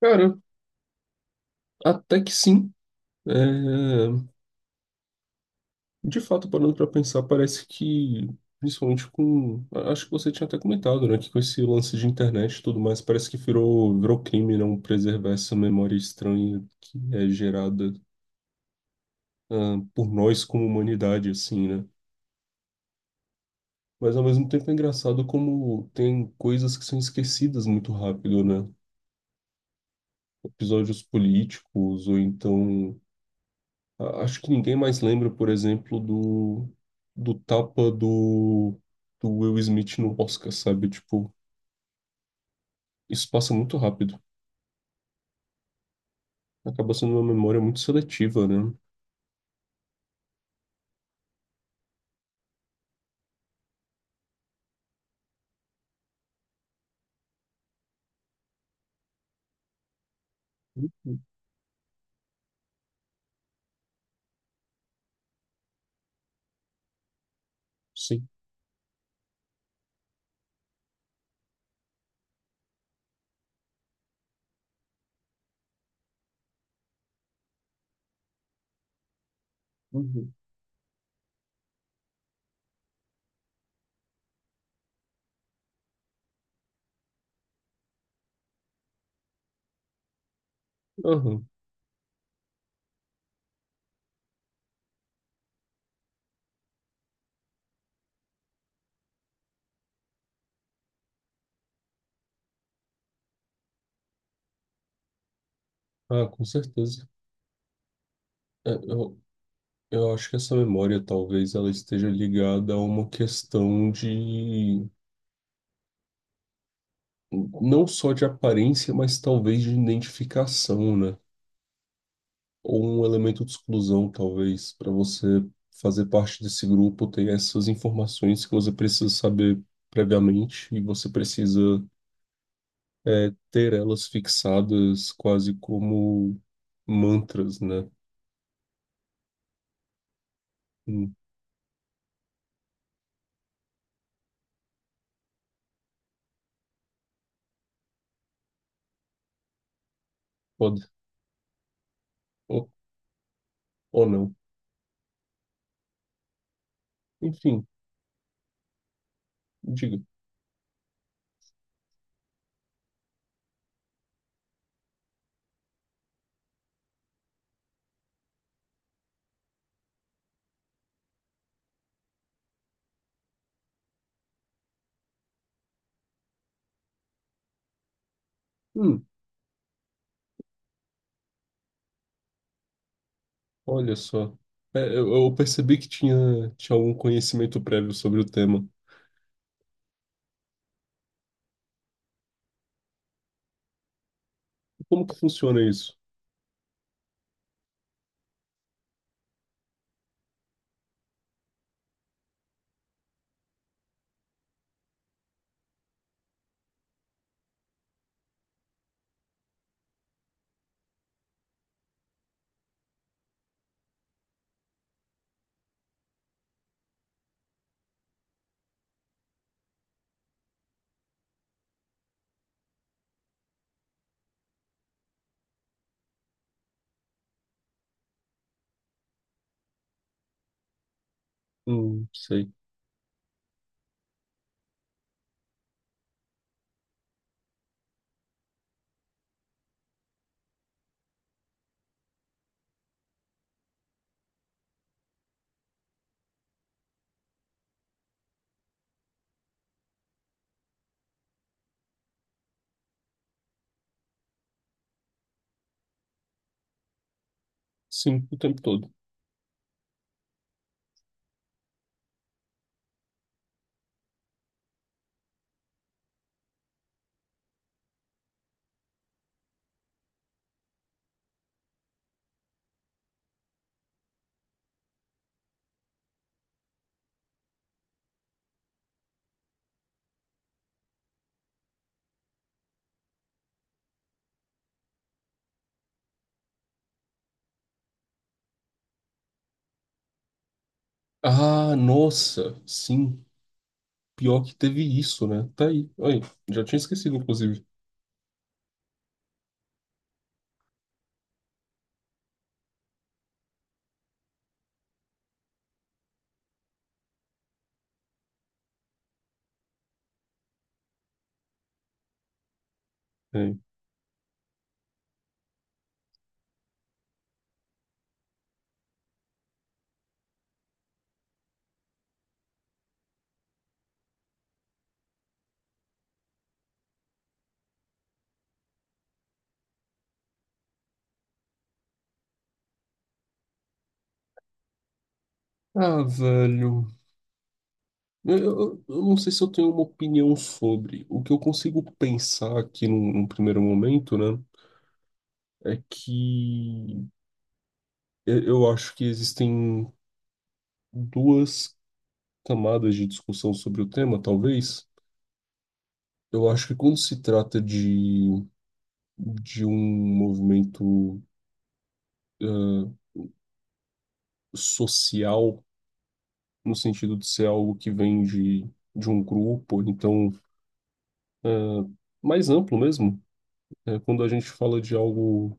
Cara, até que sim. É, de fato, parando para pensar, parece que, principalmente com... Acho que você tinha até comentado, né? Que com esse lance de internet e tudo mais, parece que virou crime não preservar essa memória estranha que é gerada, por nós como humanidade, assim, né? Mas ao mesmo tempo é engraçado como tem coisas que são esquecidas muito rápido, né? Episódios políticos, ou então acho que ninguém mais lembra, por exemplo, do tapa do Will Smith no Oscar, sabe? Tipo, isso passa muito rápido. Acaba sendo uma memória muito seletiva, né? Uhum. Sim. Uhum. Aham. Ah, com certeza. É, eu, eu acho que essa memória talvez ela esteja ligada a uma questão de não só de aparência, mas talvez de identificação, né? Ou um elemento de exclusão, talvez, para você fazer parte desse grupo, ter essas informações que você precisa saber previamente e você precisa ter elas fixadas quase como mantras, né? Hum, pode, ou, ou não. Enfim, diga. Hum, olha só. Eu percebi que tinha algum conhecimento prévio sobre o tema. Como que funciona isso? Sei. Sim, o tempo todo. Ah, nossa, sim. Pior que teve isso, né? Tá aí. Aí, já tinha esquecido, inclusive. É. Ah, velho. Eu não sei se eu tenho uma opinião sobre. O que eu consigo pensar aqui num, num primeiro momento, né? É que eu acho que existem duas camadas de discussão sobre o tema, talvez. Eu acho que quando se trata de um movimento social, no sentido de ser algo que vem de um grupo, então mais amplo mesmo, né? Quando a gente fala de algo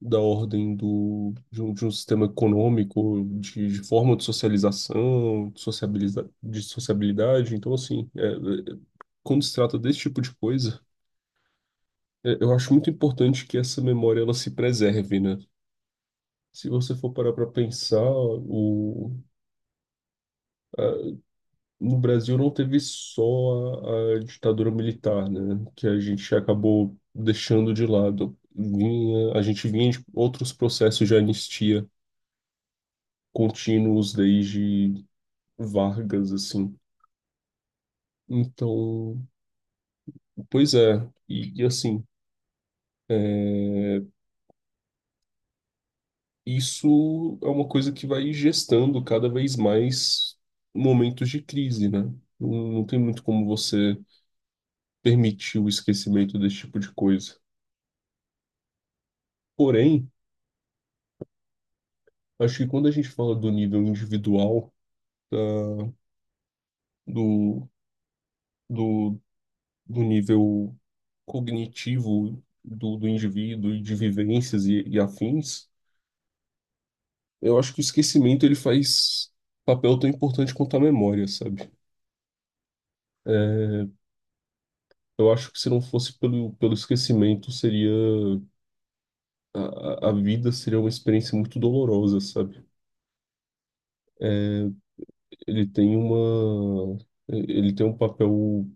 da ordem do, de um sistema econômico, de forma de socialização, de sociabiliza, de sociabilidade, então assim, quando se trata desse tipo de coisa, é, eu acho muito importante que essa memória ela se preserve, né? Se você for parar para pensar, o, no Brasil não teve só a ditadura militar, né, que a gente acabou deixando de lado. A gente vinha de outros processos de anistia contínuos desde Vargas, assim. Então, pois é, e assim, é, isso é uma coisa que vai gestando cada vez mais momentos de crise, né? Não tem muito como você permitir o esquecimento desse tipo de coisa. Porém, acho que quando a gente fala do nível individual, da- do, do, do nível cognitivo do, do indivíduo e de vivências e afins, eu acho que o esquecimento ele faz papel tão importante quanto a memória, sabe? É, eu acho que se não fosse pelo, pelo esquecimento, seria a vida seria uma experiência muito dolorosa, sabe? Ele tem uma ele tem um papel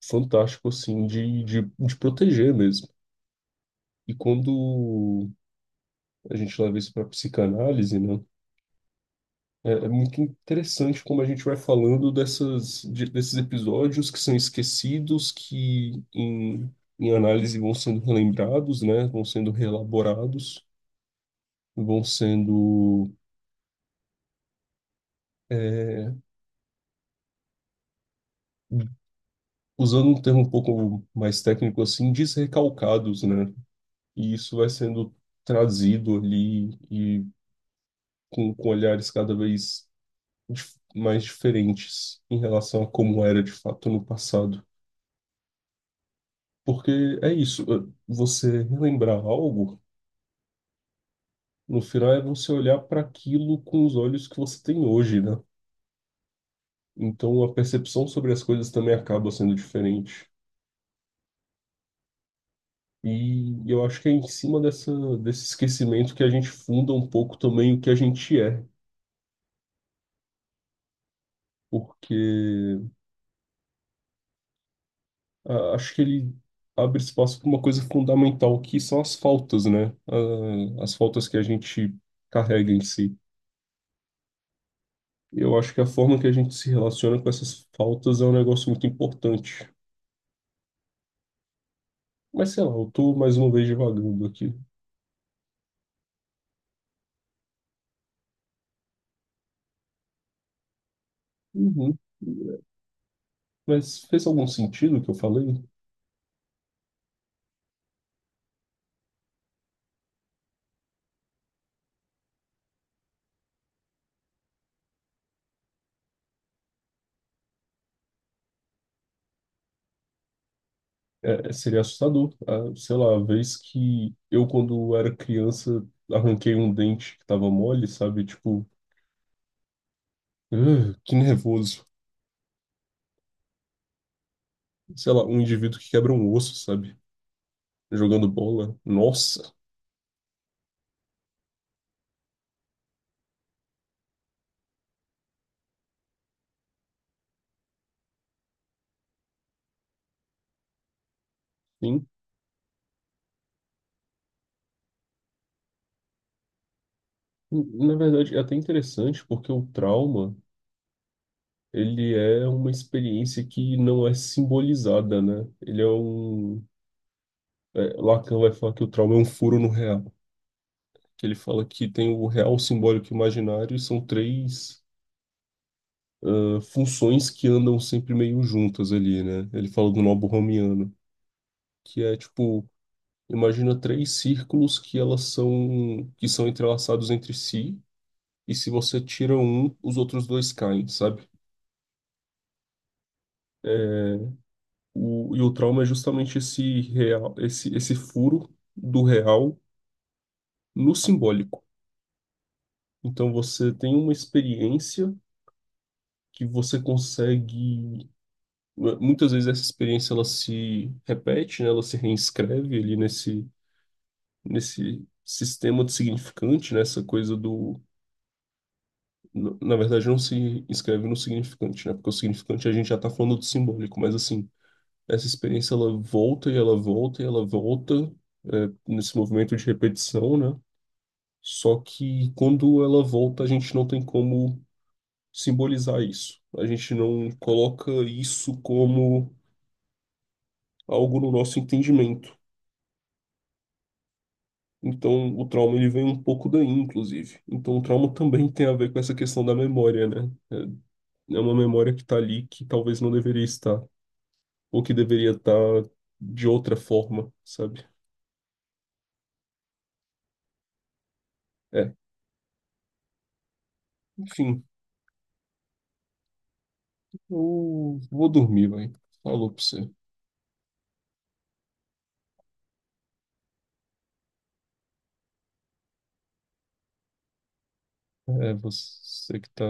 fantástico assim de proteger mesmo. E quando a gente leva isso para psicanálise, né? É, é muito interessante como a gente vai falando dessas, de- desses episódios que são esquecidos, em análise vão sendo relembrados, né? Vão sendo reelaborados, vão sendo, é, usando um termo um pouco mais técnico assim, desrecalcados, né? E isso vai sendo trazido ali e com olhares cada vez mais diferentes em relação a como era de fato no passado. Porque é isso, você relembrar algo, no final é você olhar para aquilo com os olhos que você tem hoje, né? Então a percepção sobre as coisas também acaba sendo diferente. E eu acho que é em cima dessa, desse esquecimento que a gente funda um pouco também o que a gente é. Porque acho que ele abre espaço para uma coisa fundamental, que são as faltas, né? Ah, as faltas que a gente carrega em si. Eu acho que a forma que a gente se relaciona com essas faltas é um negócio muito importante. Mas sei lá, eu tô mais uma vez divagando aqui. Uhum. Mas fez algum sentido o que eu falei? Seria assustador. Ah, sei lá, a vez que eu, quando era criança, arranquei um dente que tava mole, sabe? Tipo, "Ugh, que nervoso." Sei lá, um indivíduo que quebra um osso, sabe? Jogando bola. Nossa, sim. Na verdade, é até interessante porque o trauma, ele é uma experiência que não é simbolizada, né? Ele é um... é, Lacan vai falar que o trauma é um furo no real. Que ele fala que tem o real, o simbólico e o imaginário e são três funções que andam sempre meio juntas ali, né? Ele fala do nobo romiano, que é tipo... Imagina três círculos que são entrelaçados entre si e se você tira um, os outros dois caem, sabe? O, e o trauma é justamente esse real, esse furo do real no simbólico. Então você tem uma experiência que você consegue. Muitas vezes essa experiência ela se repete, né? Ela se reescreve ali nesse, nesse sistema de significante, né? Essa coisa do. Na verdade, não se escreve no significante, né? Porque o significante a gente já está falando do simbólico, mas assim, essa experiência ela volta e ela volta e ela volta é, nesse movimento de repetição, né? Só que quando ela volta, a gente não tem como simbolizar isso. A gente não coloca isso como algo no nosso entendimento. Então, o trauma ele vem um pouco daí, inclusive. Então, o trauma também tem a ver com essa questão da memória, né? É uma memória que tá ali que talvez não deveria estar, ou que deveria estar de outra forma, sabe? É, enfim. Eu vou dormir, velho. Falou pra você. É você que tá.